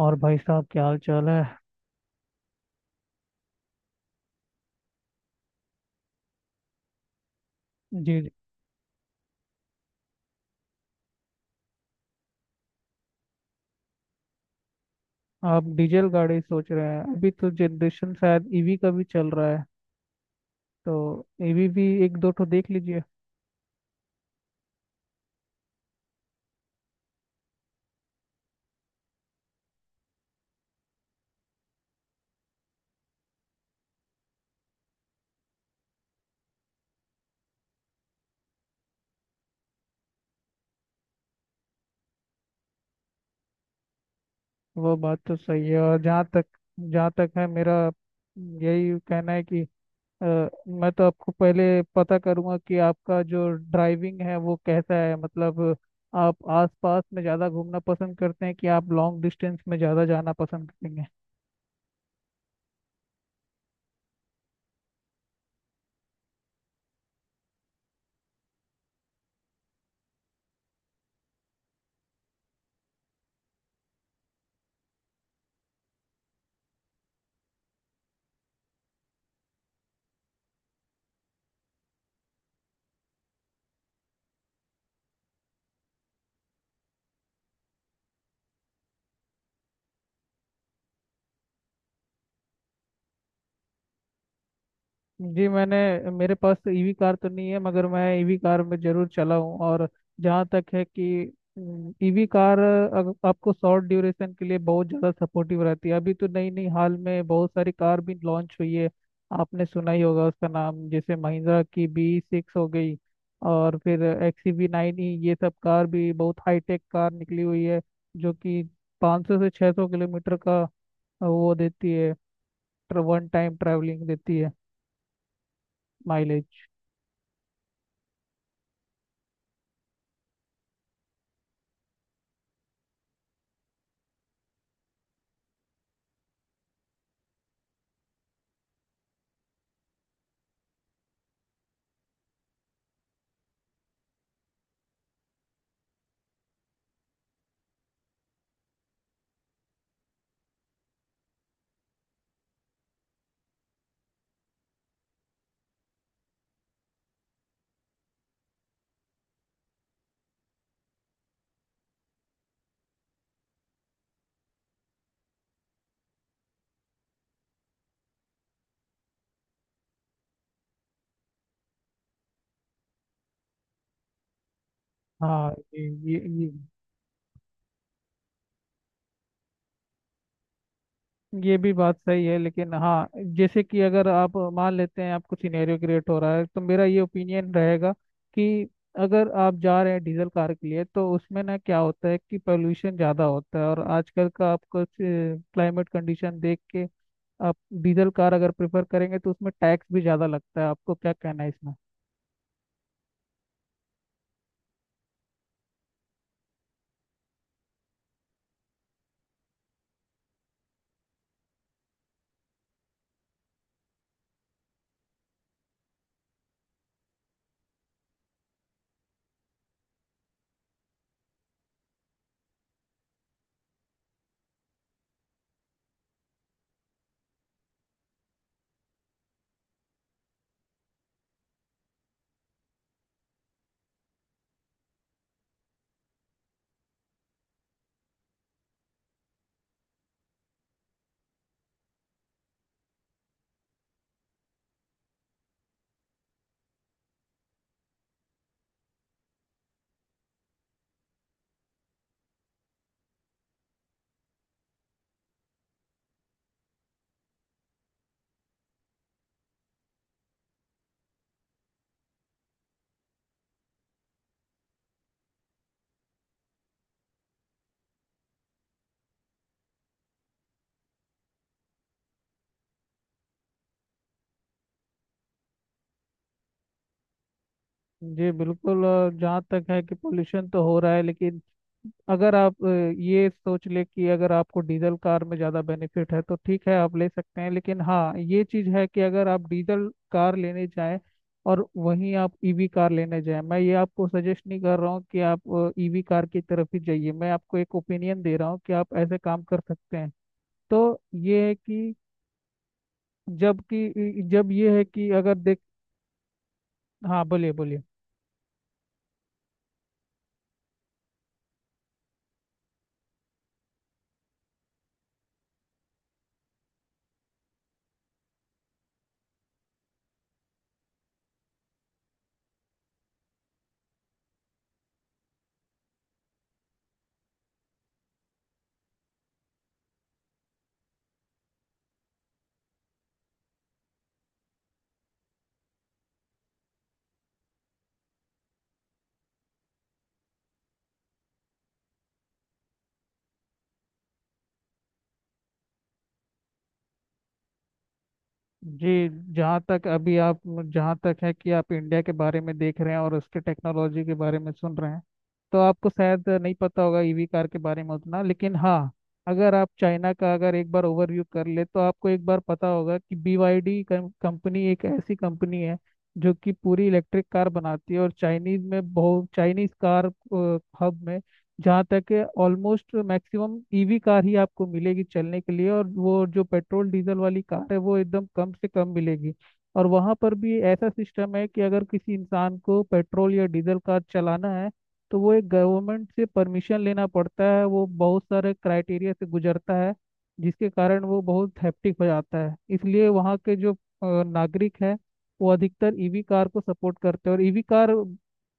और भाई साहब क्या हाल चाल है। जी। आप डीजल गाड़ी सोच रहे हैं, अभी तो जनरेशन शायद ईवी का भी चल रहा है, तो ईवी भी एक दो ठो देख लीजिए। वो बात तो सही है। और जहाँ तक है मेरा यही कहना है कि मैं तो आपको पहले पता करूंगा कि आपका जो ड्राइविंग है वो कैसा है, मतलब आप आस पास में ज़्यादा घूमना पसंद करते हैं कि आप लॉन्ग डिस्टेंस में ज़्यादा जाना पसंद करेंगे। जी। मैंने मेरे पास तो ईवी कार तो नहीं है, मगर मैं ईवी कार में जरूर चला हूँ। और जहाँ तक है कि ईवी कार आपको शॉर्ट ड्यूरेशन के लिए बहुत ज़्यादा सपोर्टिव रहती है। अभी तो नई नई हाल में बहुत सारी कार भी लॉन्च हुई है। आपने सुना ही होगा उसका नाम, जैसे महिंद्रा की B6 हो गई और फिर एक्सी वी नाइन ई, ये सब कार भी बहुत हाईटेक कार निकली हुई है, जो कि 500 से 600 किलोमीटर का वो देती है, वन टाइम ट्रैवलिंग देती है माइलेज। हाँ ये ये ये ये भी बात सही है, लेकिन हाँ, जैसे कि अगर आप मान लेते हैं आपको सिनेरियो क्रिएट हो रहा है तो मेरा ये ओपिनियन रहेगा कि अगर आप जा रहे हैं डीजल कार के लिए तो उसमें ना क्या होता है कि पोल्यूशन ज़्यादा होता है, और आजकल का आपको क्लाइमेट कंडीशन देख के आप डीजल कार अगर प्रेफर करेंगे तो उसमें टैक्स भी ज़्यादा लगता है। आपको क्या कहना है इसमें? जी बिल्कुल। और जहाँ तक है कि पोल्यूशन तो हो रहा है, लेकिन अगर आप ये सोच ले कि अगर आपको डीजल कार में ज़्यादा बेनिफिट है तो ठीक है, आप ले सकते हैं। लेकिन हाँ ये चीज़ है कि अगर आप डीजल कार लेने जाएं और वहीं आप ईवी कार लेने जाएं, मैं ये आपको सजेस्ट नहीं कर रहा हूँ कि आप ईवी कार की तरफ ही जाइए, मैं आपको एक ओपिनियन दे रहा हूँ कि आप ऐसे काम कर सकते हैं। तो ये है कि जबकि जब ये है कि अगर देख हाँ, बोलिए बोलिए। जी। जहाँ तक है कि आप इंडिया के बारे में देख रहे हैं और उसके टेक्नोलॉजी के बारे में सुन रहे हैं, तो आपको शायद नहीं पता होगा ईवी कार के बारे में उतना। लेकिन हाँ, अगर आप चाइना का अगर एक बार ओवरव्यू कर ले तो आपको एक बार पता होगा कि BYD कंपनी एक ऐसी कंपनी है जो कि पूरी इलेक्ट्रिक कार बनाती है, और चाइनीज में बहुत चाइनीज कार हब में जहाँ तक है ऑलमोस्ट मैक्सिमम ईवी कार ही आपको मिलेगी चलने के लिए, और वो जो पेट्रोल डीजल वाली कार है वो एकदम कम से कम मिलेगी। और वहाँ पर भी ऐसा सिस्टम है कि अगर किसी इंसान को पेट्रोल या डीजल कार चलाना है तो वो एक गवर्नमेंट से परमिशन लेना पड़ता है, वो बहुत सारे क्राइटेरिया से गुजरता है, जिसके कारण वो बहुत हैप्टिक हो जाता है। इसलिए वहाँ के जो नागरिक है वो अधिकतर ईवी कार को सपोर्ट करते हैं। और ईवी कार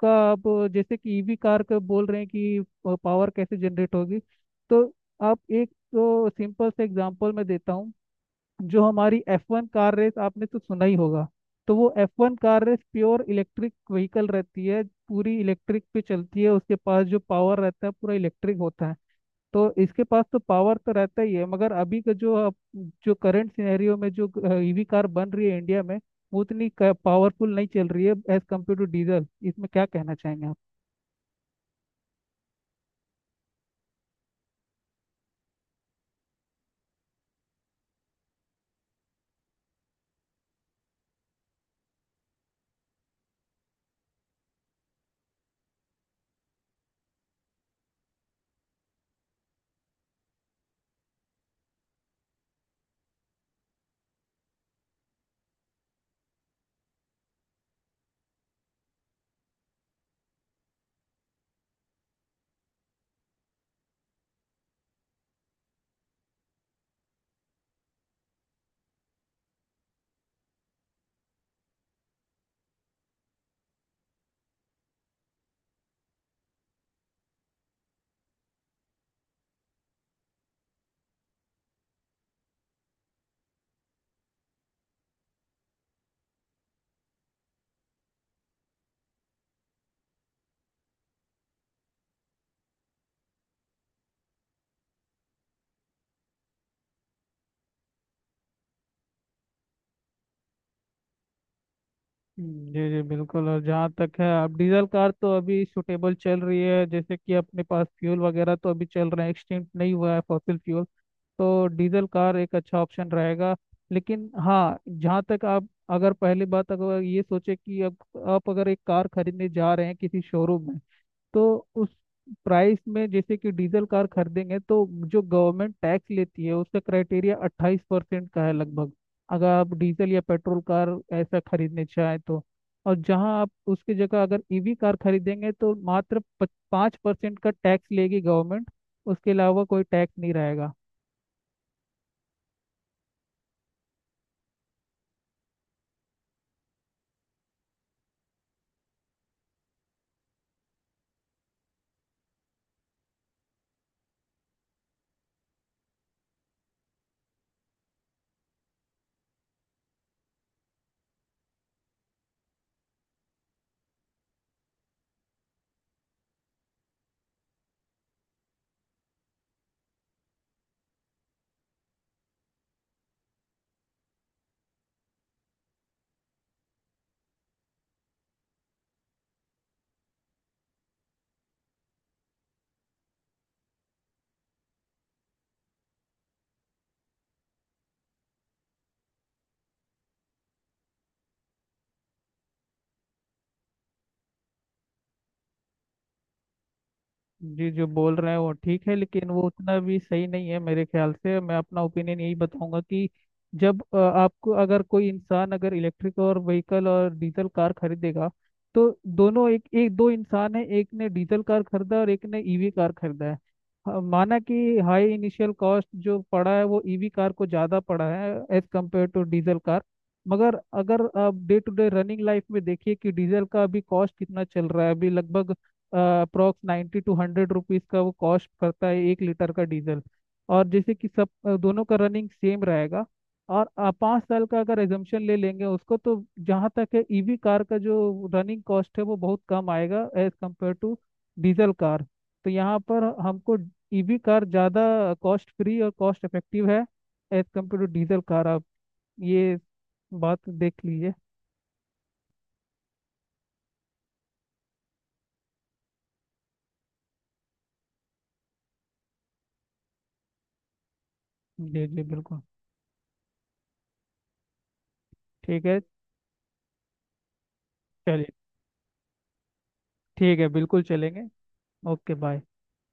का आप जैसे कि ईवी कार का बोल रहे हैं कि पावर कैसे जनरेट होगी, तो आप एक तो सिंपल से एग्जांपल मैं देता हूँ। जो हमारी F1 कार रेस आपने तो सुना ही होगा, तो वो F1 car race pure electric vehicle रहती है, पूरी इलेक्ट्रिक पे चलती है, उसके पास जो पावर रहता है पूरा इलेक्ट्रिक होता है। तो इसके पास तो पावर तो रहता ही है, मगर अभी का जो जो करंट सिनेरियो में जो ईवी कार बन रही है इंडिया में, वो उतनी पावरफुल नहीं चल रही है एज कम्पेयर टू डीजल। इसमें क्या कहना चाहेंगे आप? जी जी बिल्कुल। और जहाँ तक है, अब डीजल कार तो अभी सुटेबल चल रही है, जैसे कि अपने पास फ्यूल वगैरह तो अभी चल रहा है, एक्सटिंक्ट नहीं हुआ है फॉसिल फ्यूल, तो डीजल कार एक अच्छा ऑप्शन रहेगा। लेकिन हाँ जहाँ तक आप अगर पहली बात अगर ये सोचे कि अब आप अगर एक कार खरीदने जा रहे हैं किसी शोरूम में, तो उस प्राइस में जैसे कि डीजल कार खरीदेंगे तो जो गवर्नमेंट टैक्स लेती है उसका क्राइटेरिया 28% का है लगभग, अगर आप डीजल या पेट्रोल कार ऐसा खरीदने चाहें तो। और जहां आप उसकी जगह अगर ईवी कार खरीदेंगे तो मात्र 5% का टैक्स लेगी गवर्नमेंट, उसके अलावा कोई टैक्स नहीं रहेगा। जी जो बोल रहे हैं वो ठीक है, लेकिन वो उतना भी सही नहीं है मेरे ख्याल से। मैं अपना ओपिनियन यही बताऊंगा कि जब आपको अगर कोई इंसान अगर इलेक्ट्रिक और व्हीकल और डीजल कार खरीदेगा तो दोनों एक एक दो इंसान है, एक ने डीजल कार खरीदा और एक ने ईवी कार खरीदा है। हाँ, माना कि हाई इनिशियल कॉस्ट जो पड़ा है वो ईवी कार को ज़्यादा पड़ा है as compared to diesel car, मगर अगर आप day to day running life में देखिए कि डीजल का अभी कॉस्ट कितना चल रहा है, अभी लगभग अप्रोक्स 90 से 100 रुपीज़ का वो कॉस्ट करता है 1 लीटर का डीजल। और जैसे कि सब दोनों का रनिंग सेम रहेगा, और 5 साल का अगर एजम्पशन ले लेंगे उसको, तो जहाँ तक है ईवी कार का जो रनिंग कॉस्ट है वो बहुत कम आएगा as compared to diesel car. तो यहाँ पर हमको ईवी कार ज़्यादा कॉस्ट फ्री और कॉस्ट इफेक्टिव है as compared to diesel car. आप ये बात देख लीजिए। जी जी बिल्कुल। ठीक है। चलिए। ठीक है, बिल्कुल चलेंगे। Okay bye.